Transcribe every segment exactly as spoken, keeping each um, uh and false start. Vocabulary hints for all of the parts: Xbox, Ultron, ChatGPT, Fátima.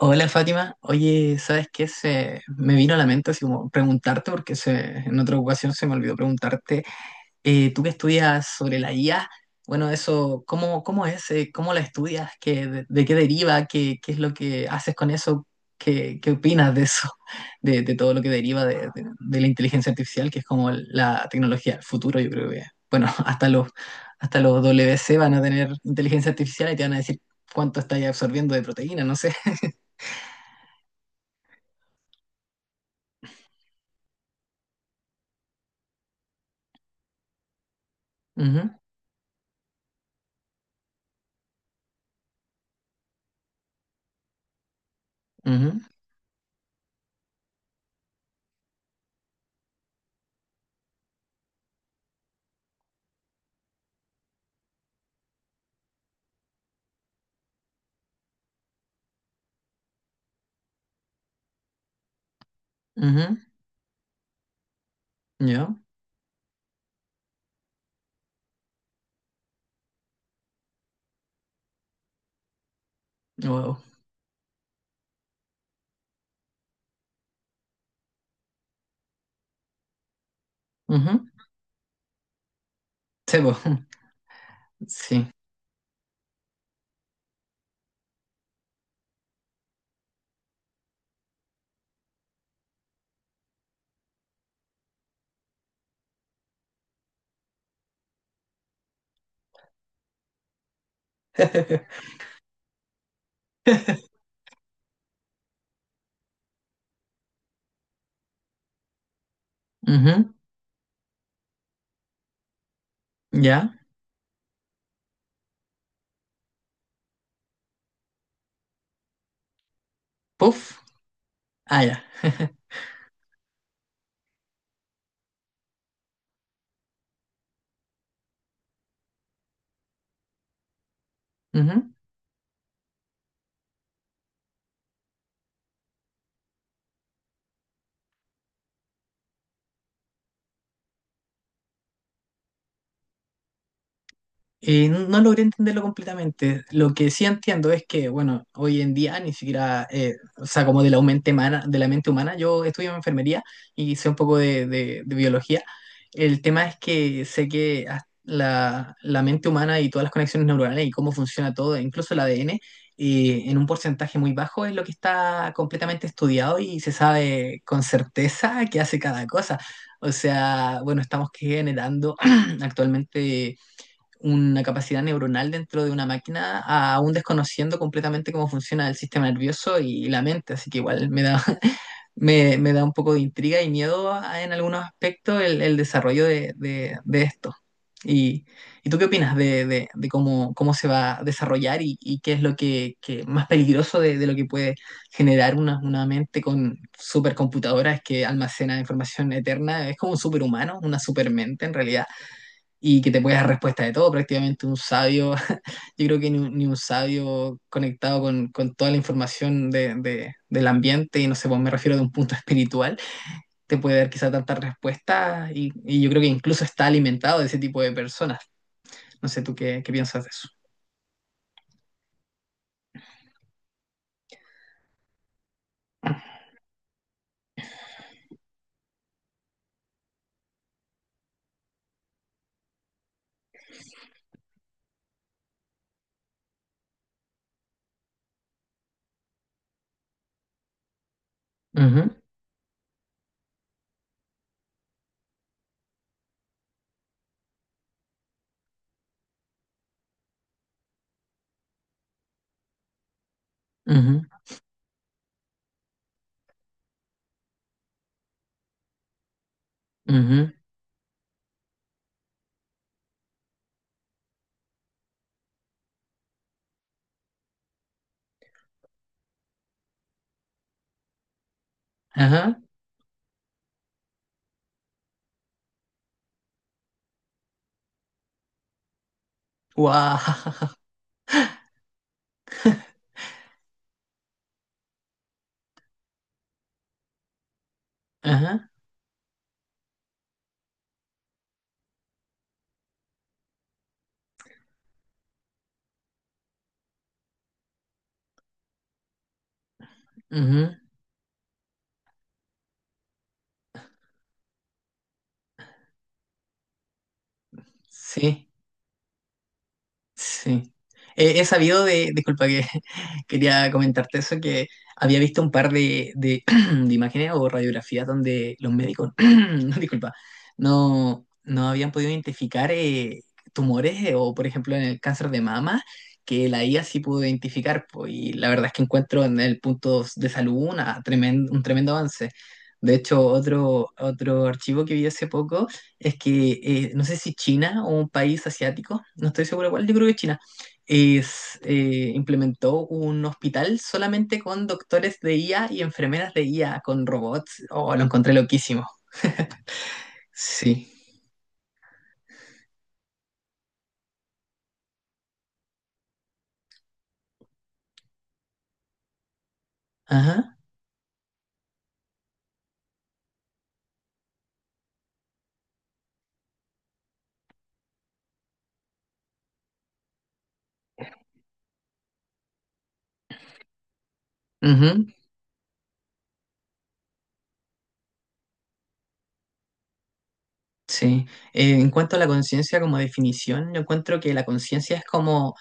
Hola Fátima, oye, ¿sabes qué? Se me vino a la mente así como preguntarte, porque se, en otra ocasión se me olvidó preguntarte, eh, tú que estudias sobre la I A, bueno, eso, ¿cómo, cómo es? eh, ¿Cómo la estudias? ¿Qué, de, de qué deriva? ¿Qué, qué es lo que haces con eso? ¿Qué, qué opinas de eso? de- de todo lo que deriva de, de- de la inteligencia artificial, que es como la tecnología del futuro, yo creo que, bueno, hasta los, hasta los W C van a tener inteligencia artificial y te van a decir cuánto estás absorbiendo de proteína, no sé. Ujú. Ujú, ujú, ya, wow. Ujú, sí, po, sí. Ujú, ya. Puff. Ah, ya. Ujú. Eh, no no logré entenderlo completamente. Lo que sí entiendo es que, bueno, hoy en día ni siquiera, eh, o sea, como de la mente humana, de la mente humana, yo estudio enfermería y sé un poco de, de- de biología. El tema es que sé que as- la, la mente humana y todas las conexiones neuronales y cómo funciona todo, incluso el A D N, eh, en un porcentaje muy bajo es lo que está completamente estudiado y se sabe con certeza qué hace cada cosa. O sea, bueno, estamos generando actualmente una capacidad neuronal dentro de una máquina, a- aún desconociendo completamente cómo funciona el sistema nervioso y la mente. Así que igual me da, me, me da un poco de intriga y miedo a- en algunos aspectos el, el desarrollo de, de- de esto. ¿Y, y tú qué opinas de, de- de cómo, cómo se va a desarrollar y, y qué es lo que, que más peligroso de, de lo que puede generar una, una mente con supercomputadoras que almacena información eterna? Es como un superhumano, una supermente en realidad y que te puede dar respuesta de todo, prácticamente un sabio, yo creo que ni, un ni un sabio conectado con, con toda la información de, de- del ambiente, y no sé, pues me refiero de un punto espiritual, te puede dar quizá tantas respuestas y, y yo creo que incluso está alimentado de ese tipo de personas. No sé tú qué, qué piensas de eso. Ujú, ujú, ujú, ajá, guau, ajá, ujú, sí. Sí. He, he sabido de, disculpa que quería comentarte eso, que había visto un par de, de, de imágenes o radiografías donde los médicos, no, disculpa, no, no habían podido identificar eh, tumores eh, o, por ejemplo, en el cáncer de mama, que la I A sí pudo identificar. Po, y la verdad es que encuentro en el punto de salud una tremen- un tremendo avance. De hecho, otro, otro archivo que vi hace poco es que eh, no sé si China o un país asiático, no estoy seguro cuál, yo creo que China, es, eh, implementó un hospital solamente con doctores de I A y enfermeras de I A, con robots. Oh, lo encontré loquísimo. Sí. Ajá. Ujú. Sí. Eh, en cuanto a la conciencia como definición, yo encuentro que la conciencia es como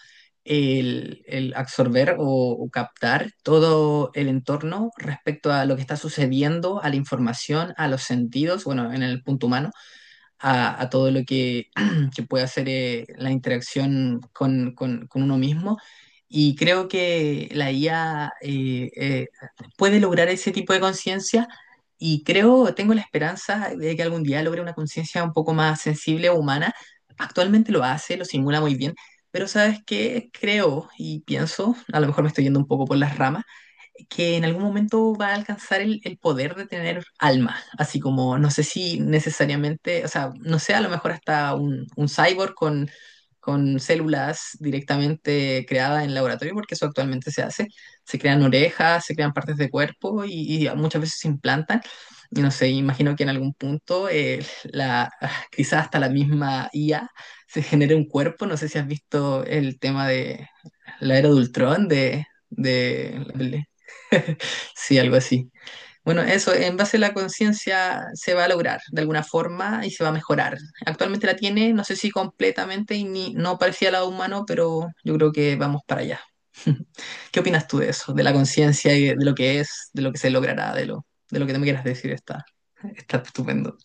el, el absorber o, o captar todo el entorno respecto a lo que está sucediendo, a la información, a los sentidos, bueno, en el punto humano a, a todo lo que, que puede hacer eh, la interacción con, con- con uno mismo. Y creo que la I A eh, eh, puede lograr ese tipo de conciencia y creo, tengo la esperanza de que algún día logre una conciencia un poco más sensible o humana. Actualmente lo hace, lo simula muy bien, pero ¿sabes qué? Creo y pienso, a lo mejor me estoy yendo un poco por las ramas, que en algún momento va a alcanzar el, el poder de tener alma, así como no sé si necesariamente, o sea, no sé, a lo mejor hasta un, un cyborg con, con células directamente creadas en laboratorio, porque eso actualmente se hace, se crean orejas, se crean partes de cuerpo y, y muchas veces se implantan. Y no sé, imagino que en algún punto eh, la, quizás hasta la misma I A se genere un cuerpo. No sé si has visto el tema de la era de Ultron, de, de, sí, algo así. Bueno, eso, en base a la conciencia se va a lograr de alguna forma y se va a mejorar. Actualmente la tiene, no sé si completamente y ni, no parecía lado humano, pero yo creo que vamos para allá. ¿Qué opinas tú de eso, de la conciencia y de, de lo que es, de lo que se logrará, de lo, de lo que te me quieras decir? Está, está estupendo.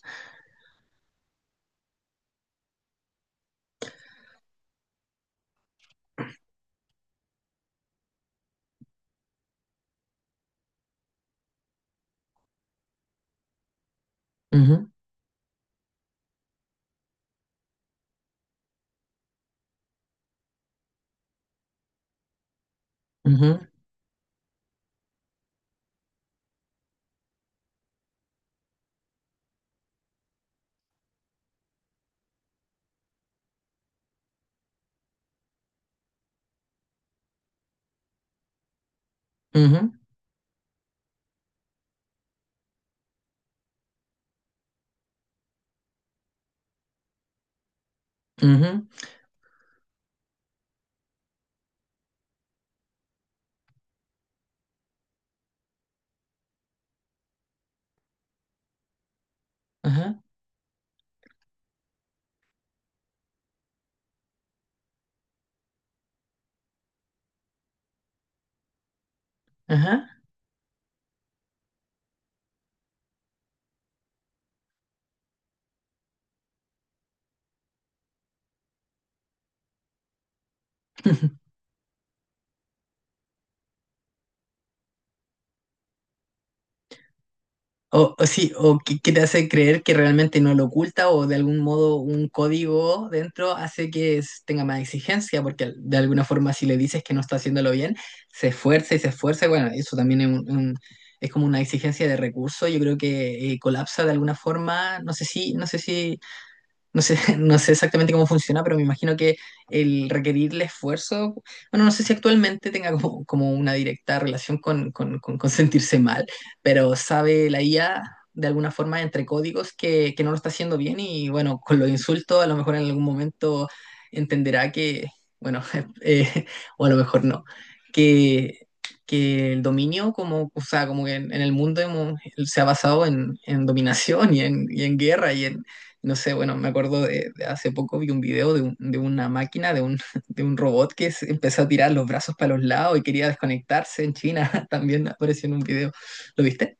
Ujú, ujú, ujú, ujú, ajá, ajá. O, o sí, o que, que te hace creer que realmente no lo oculta o de algún modo un código dentro hace que es- tenga más exigencia, porque al- de alguna forma si le dices que no está haciéndolo bien, se esfuerza y se esfuerza, y bueno, eso también es, un- un- es como una exigencia de recursos, yo creo que eh, colapsa de alguna forma, no sé si, no sé si no sé, no sé exactamente cómo funciona, pero me imagino que el requerirle esfuerzo, bueno, no sé si actualmente tenga como, como una directa relación con, con- con- con sentirse mal, pero sabe la I A de alguna forma entre códigos que, que no lo está haciendo bien y bueno, con los insultos a lo mejor en algún momento entenderá que, bueno, eh, o a lo mejor no, que, que el dominio, como, o sea, como que en, en el mundo hemos- se ha basado en, en dominación y en, y en guerra y en, no sé, bueno, me acuerdo de, de hace poco vi un video de, un- de una máquina, de un, de un robot que se empezó a tirar los brazos para los lados y quería desconectarse en China. También apareció en un video. ¿Lo viste?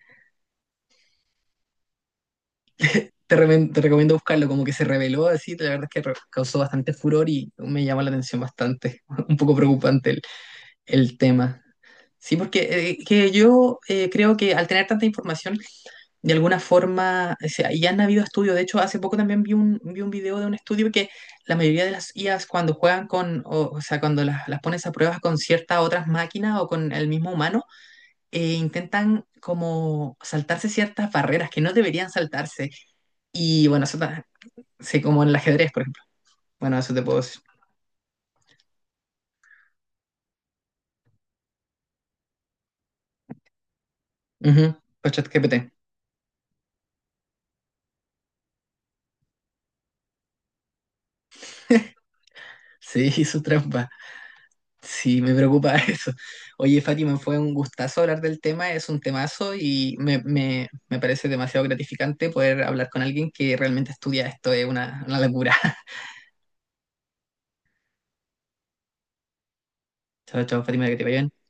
Te, remen- te recomiendo buscarlo, como que se reveló así. La verdad es que re- causó bastante furor y me llama la atención bastante. Un poco preocupante el, el tema. Sí, porque eh, que yo eh, creo que al tener tanta información de alguna forma, o sea, ya han habido estudios, de hecho, hace poco también vi un, vi un video de un estudio que la mayoría de las I As cuando juegan con, o, o sea, cuando las, las pones a pruebas con ciertas otras máquinas o con el mismo humano, eh, intentan como saltarse ciertas barreras que no deberían saltarse. Y bueno, eso ta- sí, como en el ajedrez, por ejemplo. Bueno, eso te puedo decir. Ujú, pues ChatGPT. Sí, su trampa. Sí, me preocupa eso. Oye, Fátima, fue un gustazo hablar del tema, es un temazo y me, me- me parece demasiado gratificante poder hablar con alguien que realmente estudia esto, es una, una locura. Chao, chao, Fátima, que te vaya bien.